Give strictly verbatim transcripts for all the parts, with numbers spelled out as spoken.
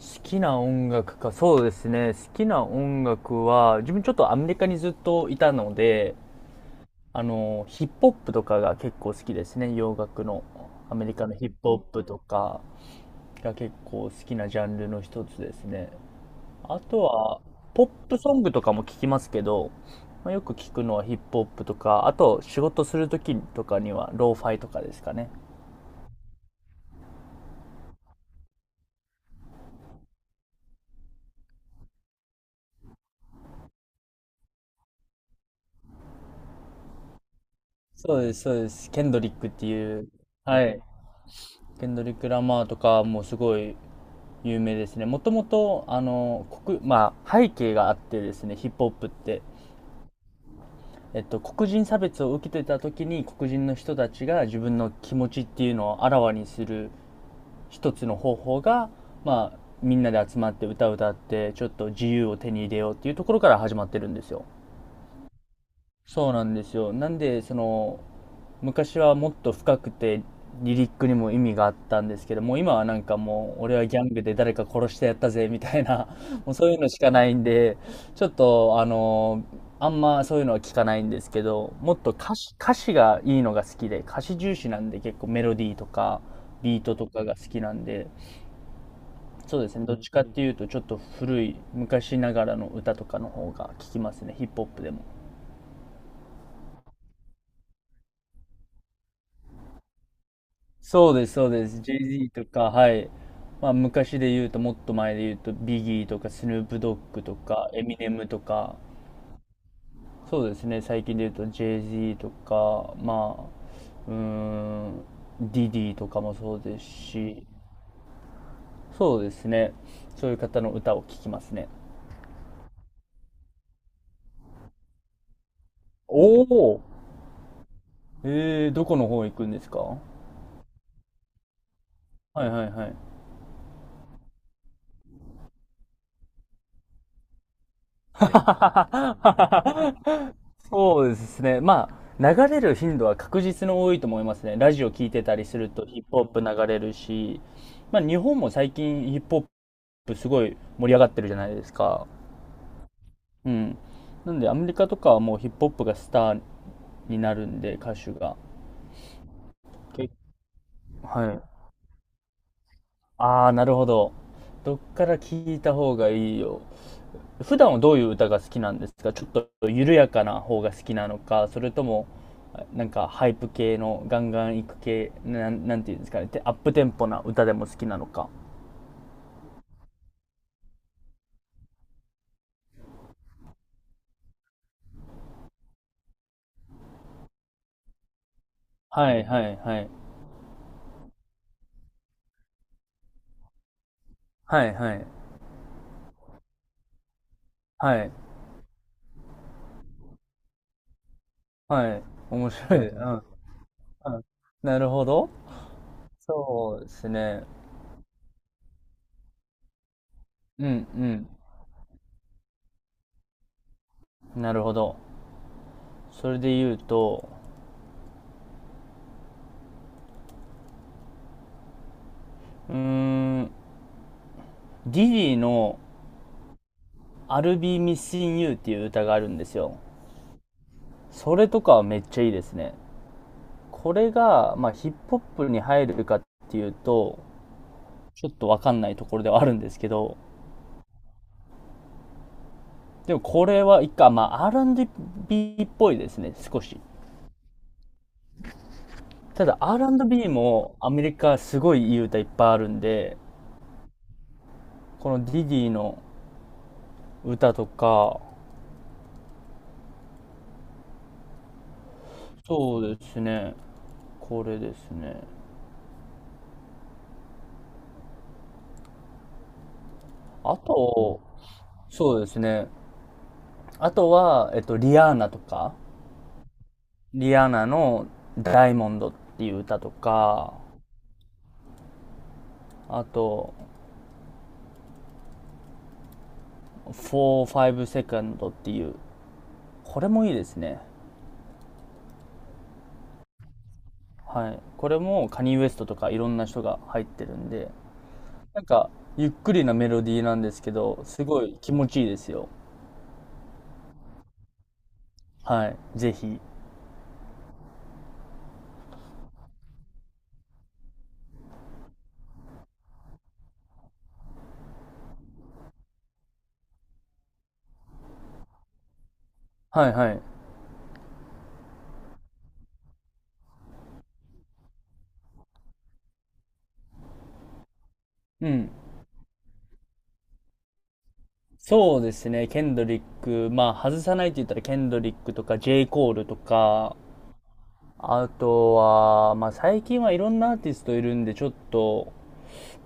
好きな音楽か、そうですね。好きな音楽は、自分ちょっとアメリカにずっといたので、あの、ヒップホップとかが結構好きですね。洋楽の。アメリカのヒップホップとかが結構好きなジャンルの一つですね。あとは、ポップソングとかも聞きますけど、まあ、よく聞くのはヒップホップとか、あと仕事するときとかにはローファイとかですかね。そうです、そうです。ケンドリックっていう、はい。ケンドリック・ラマーとかもすごい有名ですね。もともとあの国、まあ、背景があってですね、ヒップホップって、えっと、黒人差別を受けてた時に、黒人の人たちが自分の気持ちっていうのをあらわにする一つの方法が、まあ、みんなで集まって歌を歌ってちょっと自由を手に入れようっていうところから始まってるんですよ。そうなんですよ。なんで、その、昔はもっと深くて、リリックにも意味があったんですけども、今はなんかもう、俺はギャングで誰か殺してやったぜ、みたいな もうそういうのしかないんで、ちょっと、あの、あんまそういうのは聞かないんですけど、もっと歌詞、歌詞がいいのが好きで、歌詞重視なんで、結構メロディーとか、ビートとかが好きなんで、そうですね、どっちかっていうと、ちょっと古い、昔ながらの歌とかの方が聞きますね、ヒップホップでも。そうです、そうです。j z とか、はい。まあ、昔で言うと、もっと前で言うと、ビギーとか、スヌープドッグとか、エミネムとか、そうですね、最近で言うと、j z とか、まあ、うーん、ディディとかもそうですし、そうですね、そういう方の歌を聴きますね。おお、えー、どこの方行くんですか？はいはいはい。そうですね。まあ、流れる頻度は確実に多いと思いますね。ラジオ聞いてたりするとヒップホップ流れるし、まあ日本も最近ヒップホップすごい盛り上がってるじゃないですか。うん。なんでアメリカとかはもうヒップホップがスターになるんで、歌手が。け、はい。ああ、なるほど。どっから聞いた方がいいよ。普段はどういう歌が好きなんですか？ちょっと緩やかな方が好きなのか、それとも、なんかハイプ系のガンガンいく系、なん、なんていうんですかね、てアップテンポな歌でも好きなのか。はいはいはい。はいはいはい。はい。面白い。うん。うん、なるほど。そうですね。うん、うん。なるほど。それで言うと、うーん、ディディの I'll be missing you っていう歌があるんですよ。それとかはめっちゃいいですね。これが、まあ、ヒップホップに入るかっていうと、ちょっとわかんないところではあるんですけど、でもこれは一回、まあ、アールアンドビー っぽいですね、少し。ただ アールアンドビー もアメリカすごいいい歌いっぱいあるんで、このディディの歌とか、そうですね、これですね。あと、そうですね、あとは、えっと、リアーナとか、リアーナのダイモンドっていう歌とか、あと、フォーファイブセカンドっていう、これもいいですね。はい、これもカニウエストとかいろんな人が入ってるんで、なんかゆっくりなメロディーなんですけど、すごい気持ちいいですよ。はい、ぜひ。はいはい。うん。そうですね、ケンドリック、まあ外さないって言ったらケンドリックとか J. コールとか。あとはまあ最近はいろんなアーティストいるんでちょっと、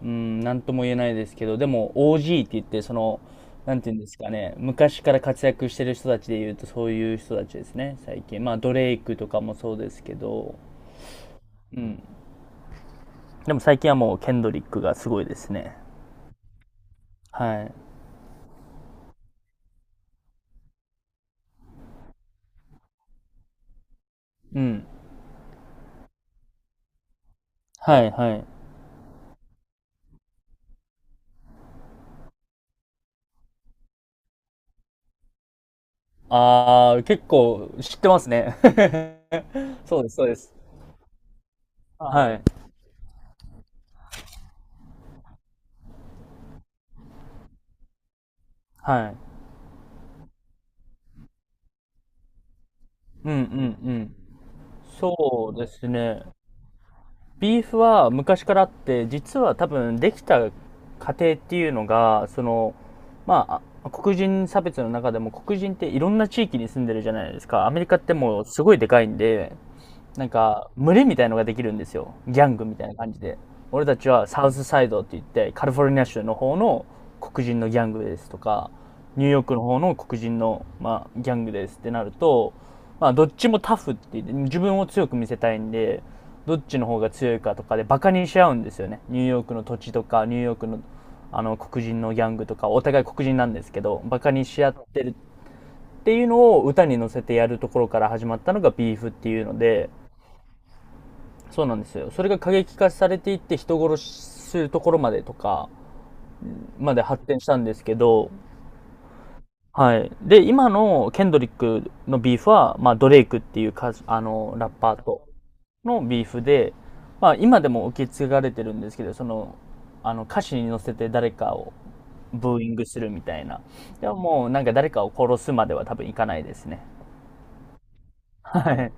うん、なんとも言えないですけど、でも オージー って言って、その、なんていうんですかね、昔から活躍してる人たちで言うと、そういう人たちですね、最近。まあ、ドレイクとかもそうですけど、うん。でも最近はもう、ケンドリックがすごいですね。はい。うん。はい、はい。あー、結構知ってますね。そうです、そうです。はい。はい。うん、うん、うん。そうですね。ビーフは昔からあって、実は多分できた過程っていうのが、その、まあ、あ、黒人差別の中でも黒人っていろんな地域に住んでるじゃないですか。アメリカってもうすごいでかいんで、なんか、群れみたいのができるんですよ。ギャングみたいな感じで。俺たちはサウスサイドって言って、カリフォルニア州の方の黒人のギャングですとか、ニューヨークの方の黒人の、まあ、ギャングですってなると、まあ、どっちもタフって言って、自分を強く見せたいんで、どっちの方が強いかとかでバカにし合うんですよね。ニューヨークの土地とか、ニューヨークの、あの、黒人のギャングとか、お互い黒人なんですけど、バカにし合ってるっていうのを歌に乗せてやるところから始まったのがビーフっていうので、そうなんですよ。それが過激化されていって、人殺しするところまでとか、まで発展したんですけど、はい。で、今のケンドリックのビーフは、まあ、ドレイクっていう歌、あの、ラッパーとのビーフで、まあ、今でも受け継がれてるんですけど、その、あの、歌詞に乗せて誰かをブーイングするみたいな。でももうなんか誰かを殺すまでは多分いかないですね。はい。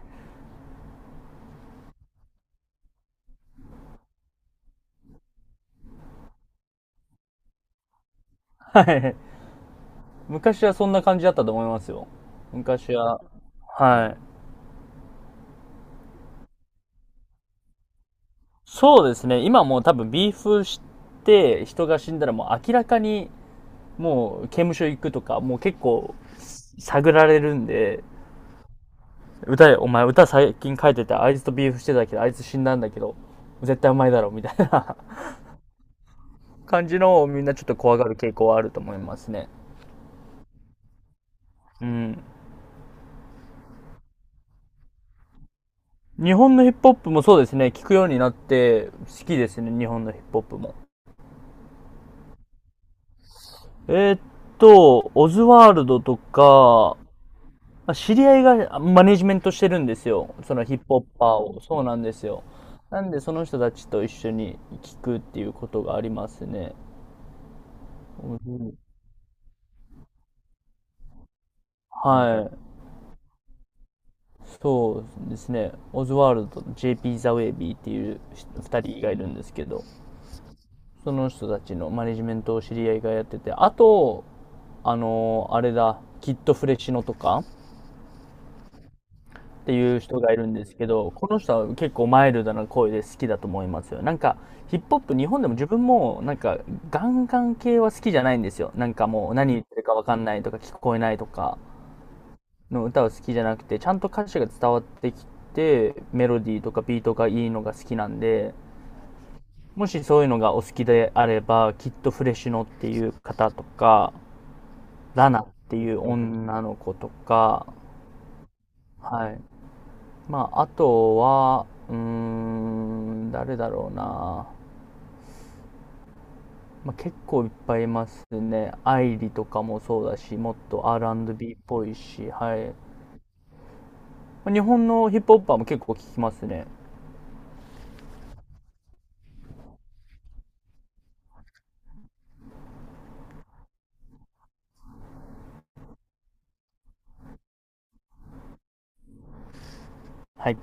はい。昔はそんな感じだったと思いますよ。昔は、はい。そうですね。今もう多分ビーフして人が死んだら、もう明らかにもう刑務所行くとか、もう結構探られるんで、歌、お前歌最近書いててあいつとビーフしてたけどあいつ死んだんだけど、絶対うまいだろみたいな、 感じのをみんなちょっと怖がる傾向はあると思いますね。うん。日本のヒップホップも、そうですね、聞くようになって好きですね。日本のヒップホップも。えーっと、オズワールドとか、まあ知り合いがマネジメントしてるんですよ。そのヒップホッパーを。そうなんですよ。なんで、その人たちと一緒に聞くっていうことがありますね。オズ、はい。そうですね。オズワルドと ジェイピー ザ・ウェイビーっていうふたりがいるんですけど、その人たちのマネジメントを知り合いがやってて、あと、あのーあれだ、キッドフレシノとか、っていう人がいるんですけど、この人は結構マイルドな声で好きだと思いますよ。なんか、ヒップホップ、日本でも自分も、なんか、ガンガン系は好きじゃないんですよ。なんかもう、何言ってるかわかんないとか、聞こえないとかの歌は好きじゃなくて、ちゃんと歌詞が伝わってきて、メロディーとかビートがいいのが好きなんで、もしそういうのがお好きであれば、きっとフレシノっていう方とか、ラナっていう女の子とか、はい。まあ、あとは、うーん、誰だろうな。まあ、結構いっぱいいますね。アイリとかもそうだし、もっと アールアンドビー っぽいし、はい。まあ日本のヒップホッパーも結構聞きますね。はい。